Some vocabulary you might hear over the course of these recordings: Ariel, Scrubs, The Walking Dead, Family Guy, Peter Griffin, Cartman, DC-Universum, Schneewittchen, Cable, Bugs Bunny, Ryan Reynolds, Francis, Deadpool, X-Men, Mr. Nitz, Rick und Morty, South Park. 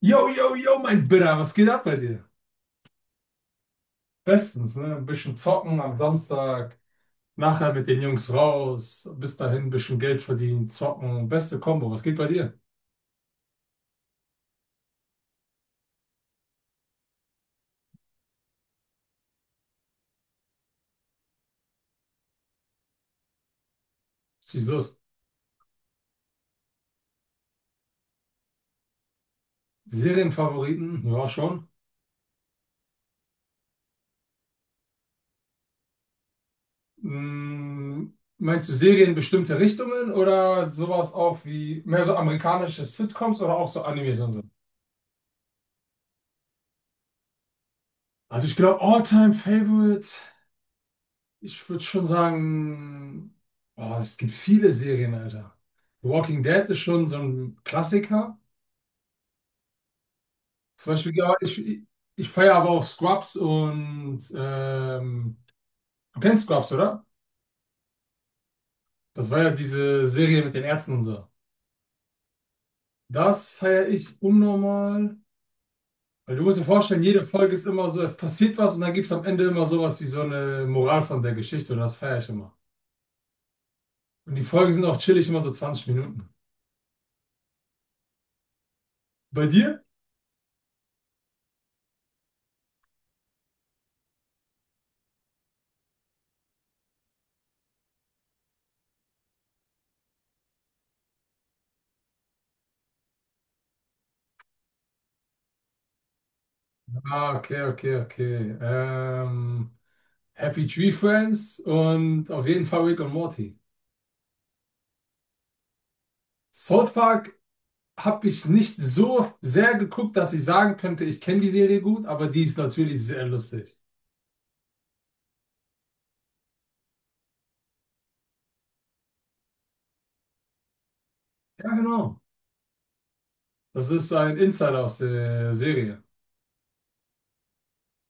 Yo, yo, yo, mein Bitter, was geht ab bei dir? Bestens, ne? Ein bisschen zocken am Samstag, nachher mit den Jungs raus, bis dahin ein bisschen Geld verdienen, zocken, beste Kombo, was geht bei dir? Schieß los. Serienfavoriten, ja schon. Mm, Meinst du Serien in bestimmte Richtungen oder sowas auch wie mehr so amerikanische Sitcoms oder auch so Animes und so? Also ich glaube, All-Time-Favorite, ich würde schon sagen, oh, es gibt viele Serien, Alter. The Walking Dead ist schon so ein Klassiker. Zum Beispiel, ja, ich feiere aber auch Scrubs und du kennst Scrubs, oder? Das war ja diese Serie mit den Ärzten und so. Das feiere ich unnormal. Weil du musst dir vorstellen, jede Folge ist immer so, es passiert was und dann gibt es am Ende immer sowas wie so eine Moral von der Geschichte und das feiere ich immer. Und die Folgen sind auch chillig, immer so 20 Minuten. Bei dir? Ah, okay, okay, okay. Happy Tree Friends und auf jeden Fall Rick und Morty. South Park habe ich nicht so sehr geguckt, dass ich sagen könnte, ich kenne die Serie gut, aber die ist natürlich sehr lustig. Ja, genau. Das ist ein Insider aus der Serie.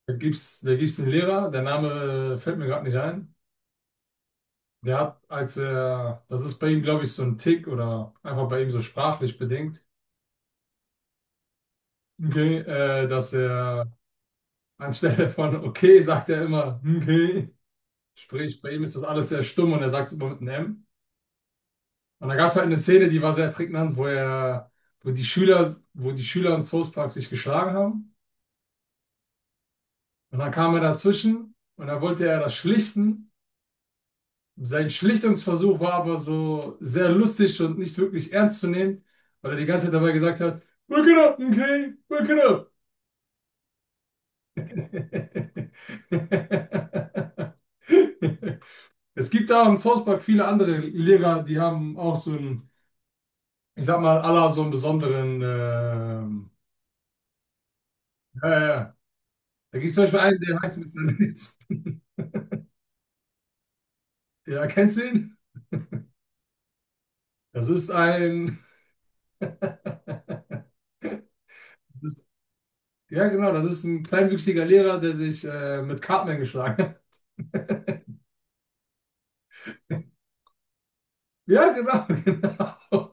Da gibt's einen Lehrer, der Name fällt mir gerade nicht ein. Der hat, als er, das ist bei ihm, glaube ich, so ein Tick oder einfach bei ihm so sprachlich bedingt, okay, dass er anstelle von okay sagt er immer okay. Sprich, bei ihm ist das alles sehr stumm und er sagt es immer mit einem M. Und da gab es halt eine Szene, die war sehr prägnant, wo die Schüler in South Park sich geschlagen haben. Und dann kam er dazwischen und dann wollte er das schlichten. Sein Schlichtungsversuch war aber so sehr lustig und nicht wirklich ernst zu nehmen, weil er die ganze Zeit dabei gesagt hat, Wake it up, okay? Wake it up. Es gibt da im South Park viele andere Lehrer, die haben auch so einen, ich sag mal, aller so einen besonderen, ja, ja. ja. Da gibt es zum Beispiel einen, der heißt Mr. Nitz. Ja, kennst du ihn? Das ist ein, ja genau, das ist ein kleinwüchsiger Lehrer, der sich mit Cartman geschlagen hat. Ja, genau, genau.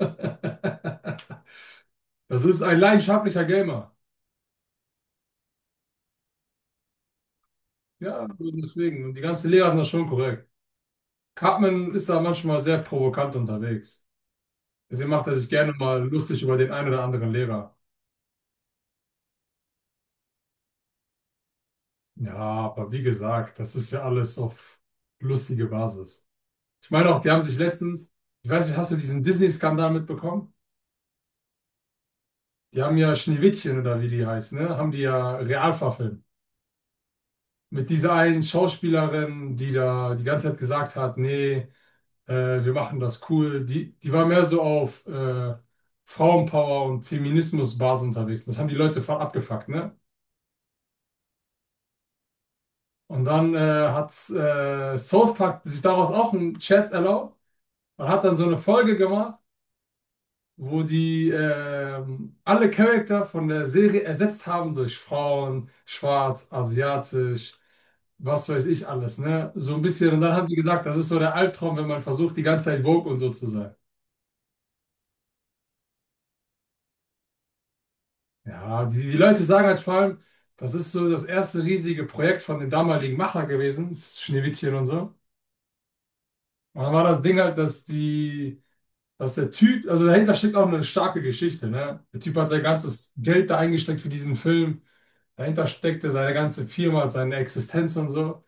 Das ist ein leidenschaftlicher Gamer. Ja, deswegen. Und die ganzen Lehrer sind da schon korrekt. Cartman ist da manchmal sehr provokant unterwegs. Deswegen macht er sich gerne mal lustig über den einen oder anderen Lehrer. Ja, aber wie gesagt, das ist ja alles auf lustige Basis. Ich meine auch, die haben sich letztens, ich weiß nicht, hast du diesen Disney-Skandal mitbekommen? Die haben ja Schneewittchen oder wie die heißt, ne? Haben die ja real verfilmt. Mit dieser einen Schauspielerin, die da die ganze Zeit gesagt hat, nee, wir machen das cool. Die, die war mehr so auf Frauenpower und Feminismusbasis unterwegs. Das haben die Leute voll abgefuckt, ne? Und dann hat South Park sich daraus auch einen Scherz erlaubt und hat dann so eine Folge gemacht, wo die alle Charakter von der Serie ersetzt haben durch Frauen, schwarz, asiatisch, was weiß ich alles, ne? So ein bisschen. Und dann haben die gesagt, das ist so der Albtraum, wenn man versucht, die ganze Zeit woke und so zu sein. Ja, die Leute sagen halt vor allem, das ist so das erste riesige Projekt von dem damaligen Macher gewesen, das Schneewittchen und so. Und dann war das Ding halt, dass der Typ, also dahinter steckt auch eine starke Geschichte, ne? Der Typ hat sein ganzes Geld da eingesteckt für diesen Film. Dahinter steckte seine ganze Firma, seine Existenz und so.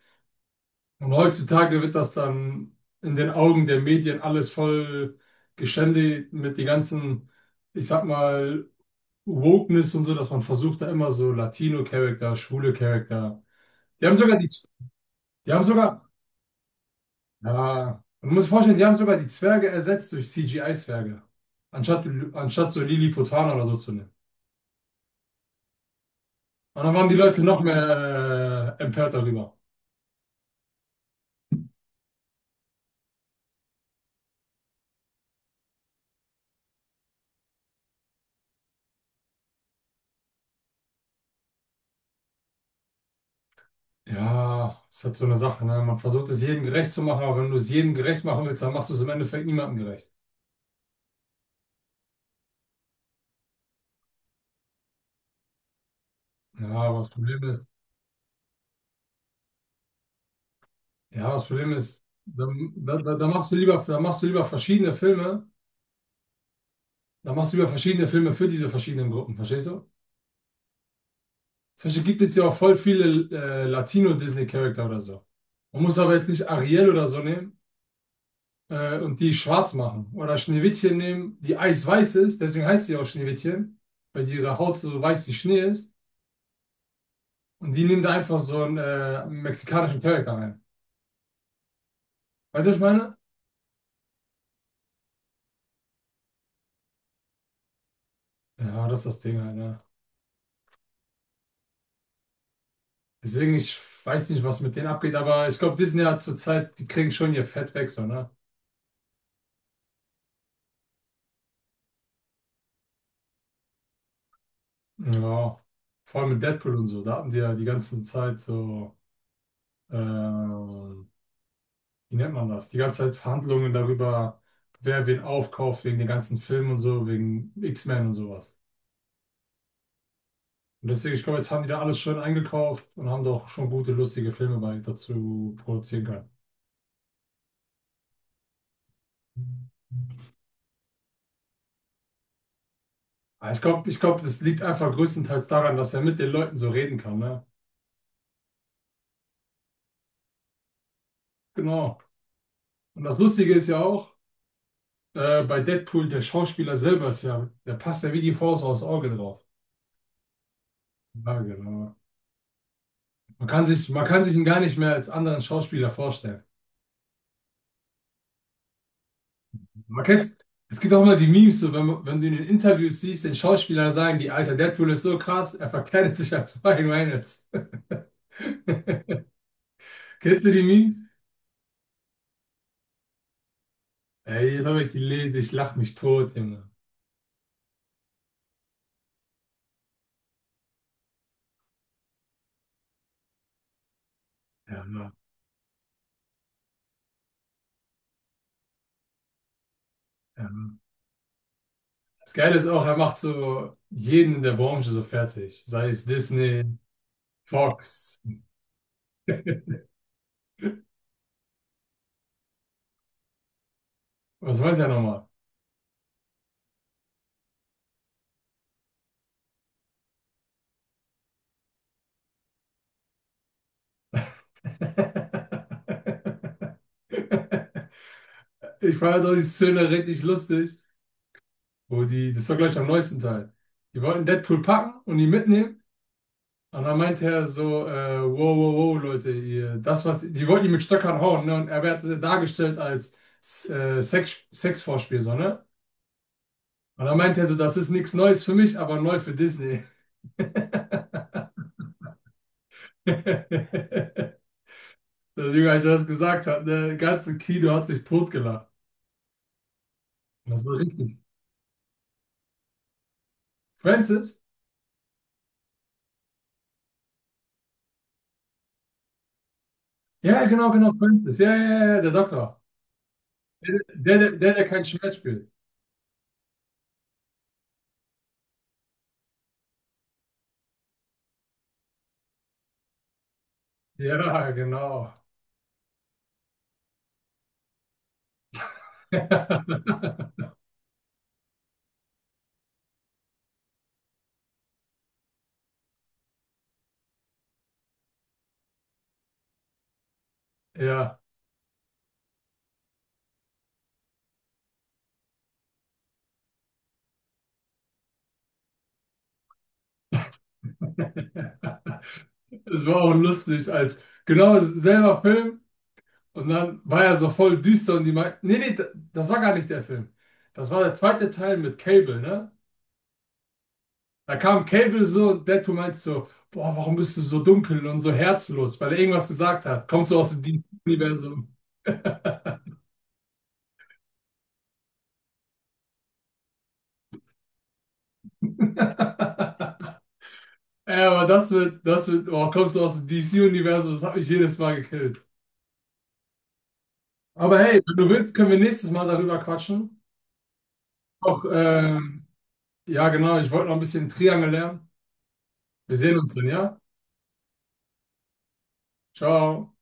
Und heutzutage wird das dann in den Augen der Medien alles voll geschändet mit den ganzen, ich sag mal, Wokeness und so, dass man versucht, da immer so Latino-Charakter, schwule Charakter. Die haben sogar die, Z- die haben sogar, ja, man muss sich vorstellen, die haben sogar die Zwerge ersetzt durch CGI-Zwerge. Anstatt, anstatt so Lilliputaner oder so zu nehmen. Und dann waren die Leute noch mehr empört darüber. Ja, ist halt so eine Sache, ne? Man versucht es jedem gerecht zu machen, aber wenn du es jedem gerecht machen willst, dann machst du es im Endeffekt niemandem gerecht. Ja, aber das Problem ist, ja, das Problem ist, da, da machst du lieber verschiedene Filme. Da machst du ja verschiedene Filme für diese verschiedenen Gruppen, verstehst du? Zum Beispiel gibt es ja auch voll viele Latino-Disney-Charakter oder so. Man muss aber jetzt nicht Ariel oder so nehmen und die schwarz machen. Oder Schneewittchen nehmen, die eisweiß ist, deswegen heißt sie auch Schneewittchen, weil sie ihre Haut so weiß wie Schnee ist. Und die nehmen da einfach so einen mexikanischen Charakter rein. Weißt du, was ich meine? Ja, das ist das Ding halt, ne? Deswegen, ich weiß nicht, was mit denen abgeht, aber ich glaube, Disney hat zurzeit, die kriegen schon ihr Fett weg, so, ne? Ja, vor allem mit Deadpool und so, da hatten die ja die ganze Zeit so, wie nennt man das? Die ganze Zeit Verhandlungen darüber, wer wen aufkauft wegen den ganzen Filmen und so, wegen X-Men und sowas. Und deswegen, ich glaube, jetzt haben die da alles schön eingekauft und haben da auch schon gute, lustige Filme bei dazu produzieren können. Aber ich glaube, das liegt einfach größtenteils daran, dass er mit den Leuten so reden kann, ne? Genau. Und das Lustige ist ja auch, bei Deadpool, der Schauspieler selber ist ja, der passt ja wie die Faust aufs Auge drauf. Ja, genau. Man kann sich ihn gar nicht mehr als anderen Schauspieler vorstellen. Man kennt's, es gibt auch immer die Memes, so wenn du in den Interviews siehst, den Schauspieler sagen die, Alter, Deadpool ist so krass, er verkleidet sich als Ryan Reynolds. Kennst du die Memes? Ey, jetzt habe ich die lese, ich lach mich tot, Junge. Ja, ja. ja. Mann. Das Geile ist auch, er macht so jeden in der Branche so fertig. Sei es Disney, Fox. Was meint er nochmal? Ich fand doch die Szene richtig lustig. Das war gleich am neuesten Teil. Die wollten Deadpool packen und ihn mitnehmen. Und dann meinte er so, wow, wow, wow, Leute, ihr, das, was, die wollten ihn mit Stöckern hauen, ne? Und er wird dargestellt als Sexvorspiel, so, ne? Und dann meinte er so, das ist nichts Neues für mich, aber neu für Disney. Deswegen, als er das gesagt hat, der ganze Kino hat sich totgelacht. Das war richtig. Francis? Ja, genau, genau, Francis. Ja, ja, ja, ja, der Doktor. Der, der kein Schmerz spielt. Ja, genau. Ja, das war auch lustig, als genau selber Film und dann war er so voll düster und die meinten, nee, nee, das war gar nicht der Film. Das war der zweite Teil mit Cable, ne? Da kam Cable so und Deadpool meinte so, boah, warum bist du so dunkel und so herzlos, weil er irgendwas gesagt hat. Kommst du aus dem DC-Universum? Ja, aber kommst du aus dem DC-Universum, das hat mich jedes Mal gekillt. Aber hey, wenn du willst, können wir nächstes Mal darüber quatschen. Auch, Ja, genau. Ich wollte noch ein bisschen Triangel lernen. Wir sehen uns dann, ja? Ciao.